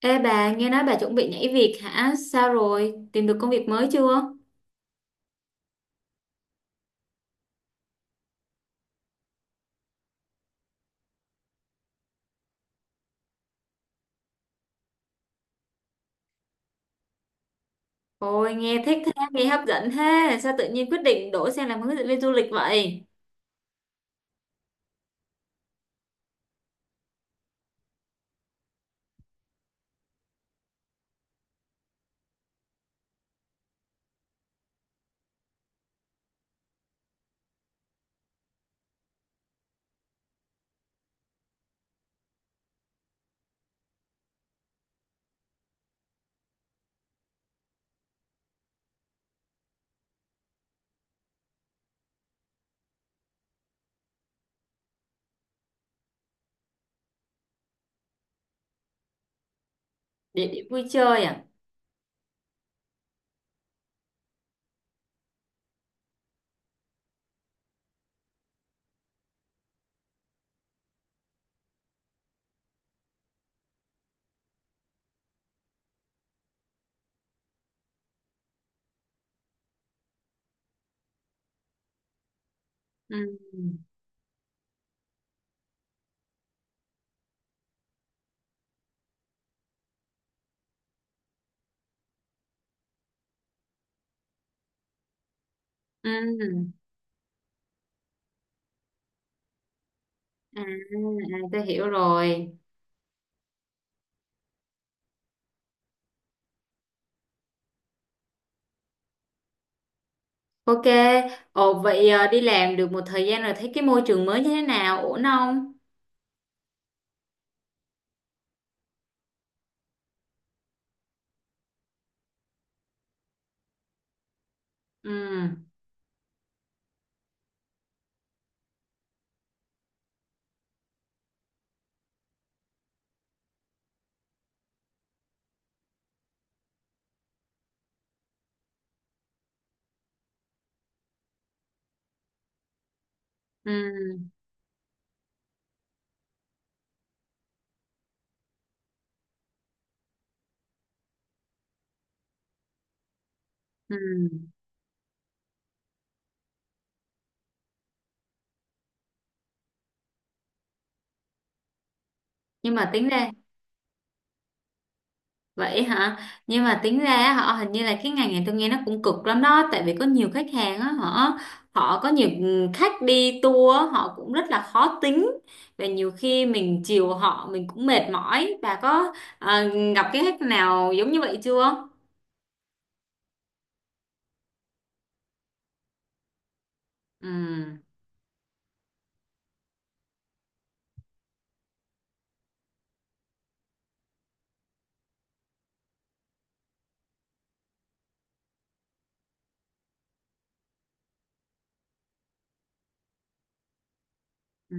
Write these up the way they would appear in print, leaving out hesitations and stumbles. Ê bà, nghe nói bà chuẩn bị nhảy việc hả? Sao rồi? Tìm được công việc mới chưa? Ôi, nghe thích thế, nghe hấp dẫn thế. Sao tự nhiên quyết định đổ sang làm hướng dẫn viên du lịch vậy? Địa điểm vui chơi à? Ừ. Ừ. À, à, tôi hiểu rồi. Ok. Ồ, vậy đi làm được một thời gian rồi thấy cái môi trường mới như thế nào? Ổn không? Ừ. Ừ. Ừ. Nhưng mà tính ra. Vậy hả? Nhưng mà tính ra á, họ hình như là cái ngành này tôi nghe nó cũng cực lắm đó, tại vì có nhiều khách hàng á, họ họ có nhiều khách đi tour á, họ cũng rất là khó tính và nhiều khi mình chiều họ mình cũng mệt mỏi. Bà có ờ, gặp cái khách nào giống như vậy chưa? Ừ. Ừ.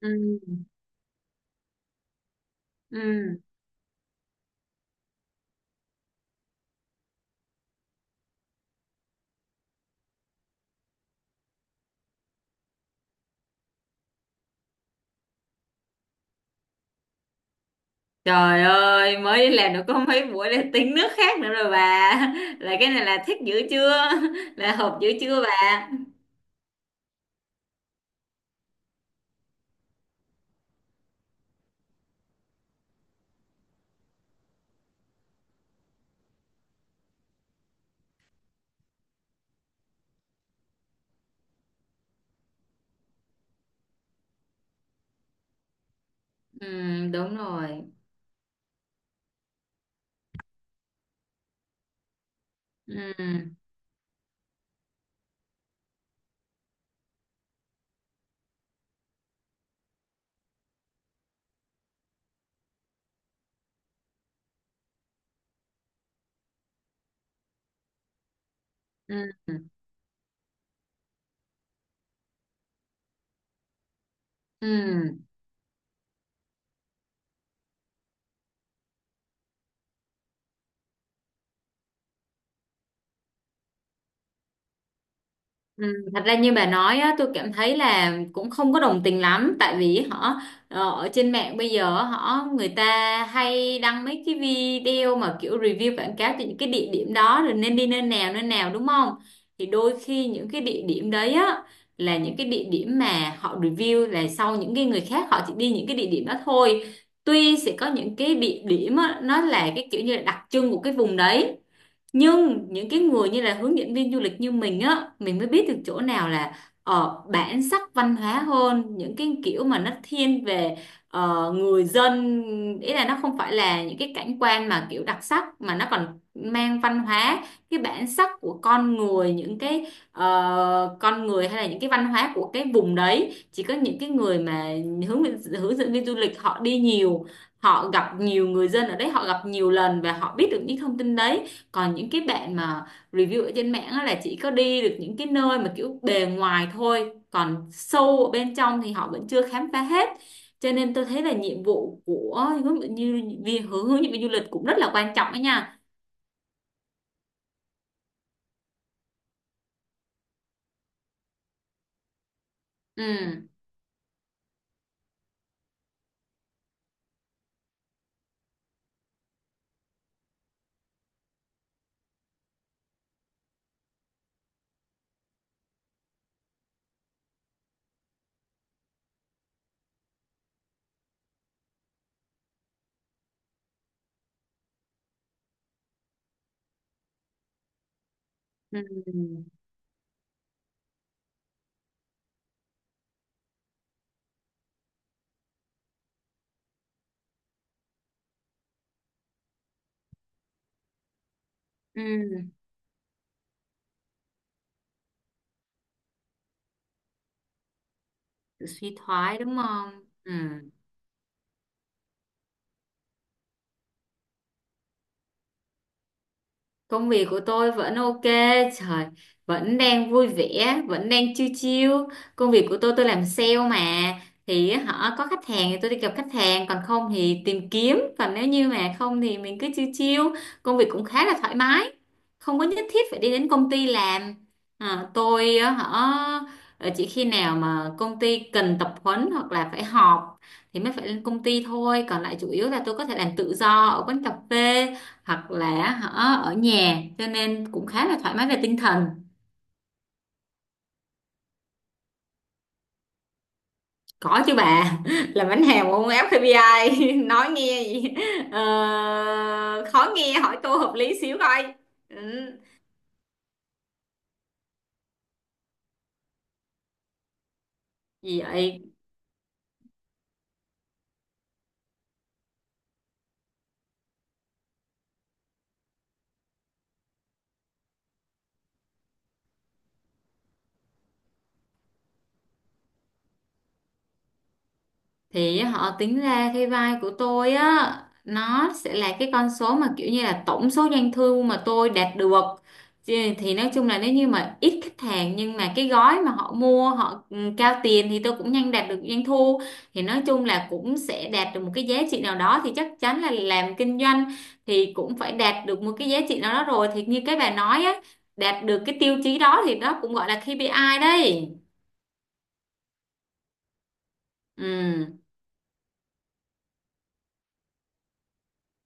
Ừ. Ừ. Trời ơi, mới làm được có mấy buổi là tính nước khác nữa rồi bà. Là cái này là thích dữ chưa? Là hợp dữ chưa bà? Ừ, đúng rồi. Ừ. Ừ, ừ, ừ. Thật ra như bà nói á, tôi cảm thấy là cũng không có đồng tình lắm, tại vì họ ở trên mạng bây giờ họ người ta hay đăng mấy cái video mà kiểu review quảng cáo cho những cái địa điểm đó rồi nên đi nơi nào đúng không, thì đôi khi những cái địa điểm đấy á là những cái địa điểm mà họ review, là sau những cái người khác họ chỉ đi những cái địa điểm đó thôi. Tuy sẽ có những cái địa điểm á, nó là cái kiểu như là đặc trưng của cái vùng đấy, nhưng những cái người như là hướng dẫn viên du lịch như mình á, mình mới biết được chỗ nào là bản sắc văn hóa hơn, những cái kiểu mà nó thiên về người dân, ý là nó không phải là những cái cảnh quan mà kiểu đặc sắc, mà nó còn mang văn hóa, cái bản sắc của con người, những cái con người hay là những cái văn hóa của cái vùng đấy. Chỉ có những cái người mà hướng hướng dẫn viên du lịch họ đi nhiều, họ gặp nhiều người dân ở đấy, họ gặp nhiều lần và họ biết được những thông tin đấy. Còn những cái bạn mà review ở trên mạng á là chỉ có đi được những cái nơi mà kiểu bề ngoài thôi, còn sâu ở bên trong thì họ vẫn chưa khám phá hết. Cho nên tôi thấy là nhiệm vụ của hướng dẫn, như vì hướng hướng dẫn viên du lịch cũng rất là quan trọng đó nha. Ừ. Ừ. Ừ. Sự suy thoái đúng không? Ừ. Công việc của tôi vẫn ok, trời, vẫn đang vui vẻ, vẫn đang chill chill. Công việc của tôi làm sale mà, thì họ có khách hàng thì tôi đi gặp khách hàng, còn không thì tìm kiếm, còn nếu như mà không thì mình cứ chill chill. Công việc cũng khá là thoải mái, không có nhất thiết phải đi đến công ty làm. À, tôi á, họ chỉ khi nào mà công ty cần tập huấn hoặc là phải họp thì mới phải lên công ty thôi, còn lại chủ yếu là tôi có thể làm tự do ở quán cà phê hoặc là hả, ở nhà, cho nên cũng khá là thoải mái về tinh thần. Có chứ bà, làm bánh hàng mà không ép ca pê. I nói nghe gì, ờ, khó nghe, hỏi câu hợp lý xíu coi. Ừ. Gì vậy? Thì họ tính ra cái vai của tôi á, nó sẽ là cái con số mà kiểu như là tổng số doanh thu mà tôi đạt được. Thì nói chung là nếu như mà ít khách hàng nhưng mà cái gói mà họ mua họ cao tiền thì tôi cũng nhanh đạt được doanh thu. Thì nói chung là cũng sẽ đạt được một cái giá trị nào đó, thì chắc chắn là làm kinh doanh thì cũng phải đạt được một cái giá trị nào đó rồi, thì như cái bà nói á, đạt được cái tiêu chí đó thì đó cũng gọi là KPI đấy. Ừ.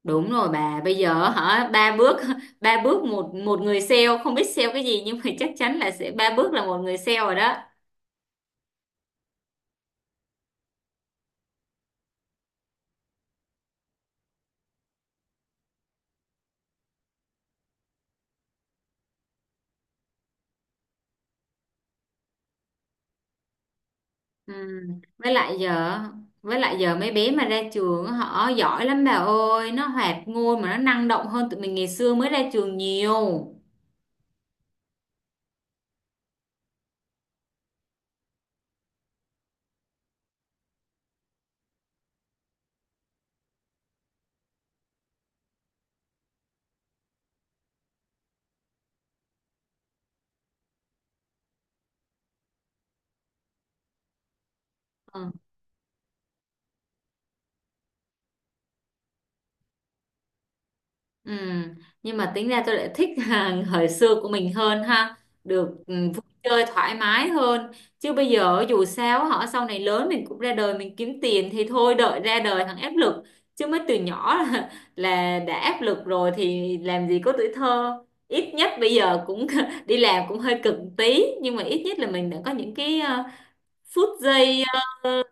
Đúng rồi bà, bây giờ hả, ba bước ba bước, một một người sale không biết sale cái gì nhưng mà chắc chắn là sẽ ba bước là một người sale rồi đó. Ừ. Với lại giờ với lại giờ mấy bé mà ra trường á, họ giỏi lắm bà ơi, nó hoạt ngôn mà nó năng động hơn tụi mình ngày xưa mới ra trường nhiều. Ừ, nhưng mà tính ra tôi lại thích hàng thời xưa của mình hơn, ha, được vui chơi thoải mái hơn. Chứ bây giờ dù sao họ sau này lớn mình cũng ra đời mình kiếm tiền thì thôi đợi ra đời thằng áp lực, chứ mới từ nhỏ là đã áp lực rồi thì làm gì có tuổi thơ. Ít nhất bây giờ cũng đi làm cũng hơi cực tí nhưng mà ít nhất là mình đã có những cái phút giây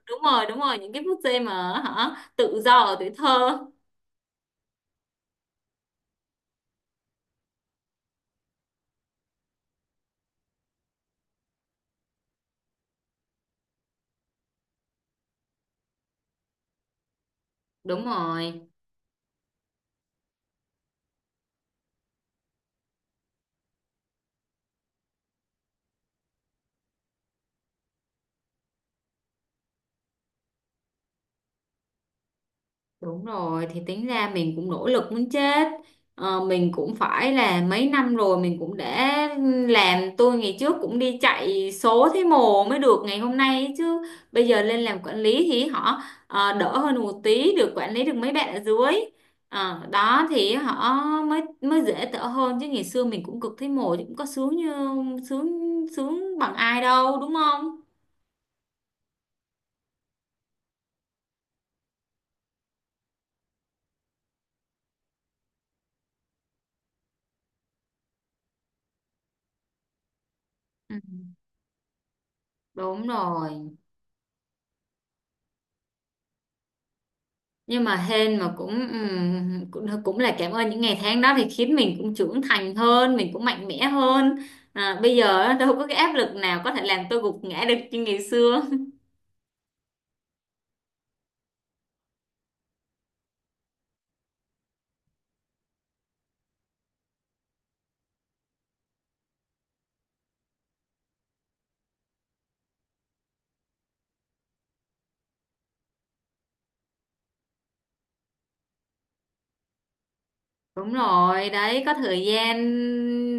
đúng rồi, đúng rồi, những cái phút giây mà hả tự do ở tuổi thơ. Đúng rồi. Đúng rồi, thì tính ra mình cũng nỗ lực muốn chết. Ờ, mình cũng phải là mấy năm rồi mình cũng đã làm, tôi ngày trước cũng đi chạy số thấy mồ mới được ngày hôm nay ấy chứ. Bây giờ lên làm quản lý thì họ đỡ hơn một tí, được quản lý được mấy bạn ở dưới. Ờ, đó thì họ mới mới dễ thở hơn, chứ ngày xưa mình cũng cực thấy mồ chứ cũng có sướng như sướng sướng bằng ai đâu đúng không? Ừ. Đúng rồi. Nhưng mà hên mà cũng cũng cũng là cảm ơn những ngày tháng đó, thì khiến mình cũng trưởng thành hơn, mình cũng mạnh mẽ hơn. À, bây giờ á, đâu có cái áp lực nào có thể làm tôi gục ngã được như ngày xưa. Đúng rồi, đấy, có thời gian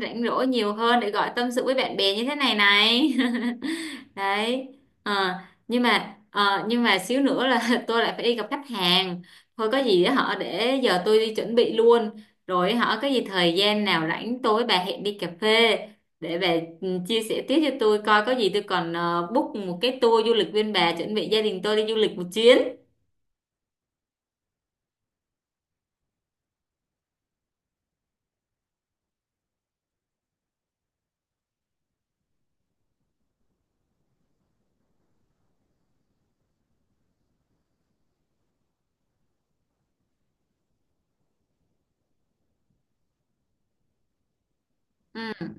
rảnh rỗi nhiều hơn để gọi tâm sự với bạn bè như thế này này. Đấy. Ờ, nhưng mà xíu nữa là tôi lại phải đi gặp khách hàng. Thôi có gì á họ để giờ tôi đi chuẩn bị luôn. Rồi họ có gì thời gian nào rảnh tôi với bà hẹn đi cà phê để bà chia sẻ tiếp cho tôi coi, có gì tôi còn book một cái tour du lịch bên bà, chuẩn bị gia đình tôi đi du lịch một chuyến. Ừ.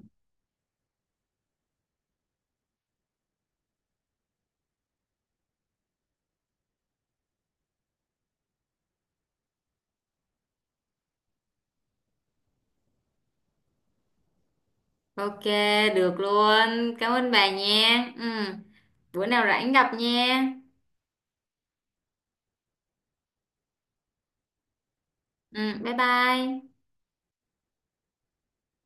Ok, được luôn. Cảm ơn bà nha. Ừ. Bữa nào rảnh gặp nha. Ừ, bye bye.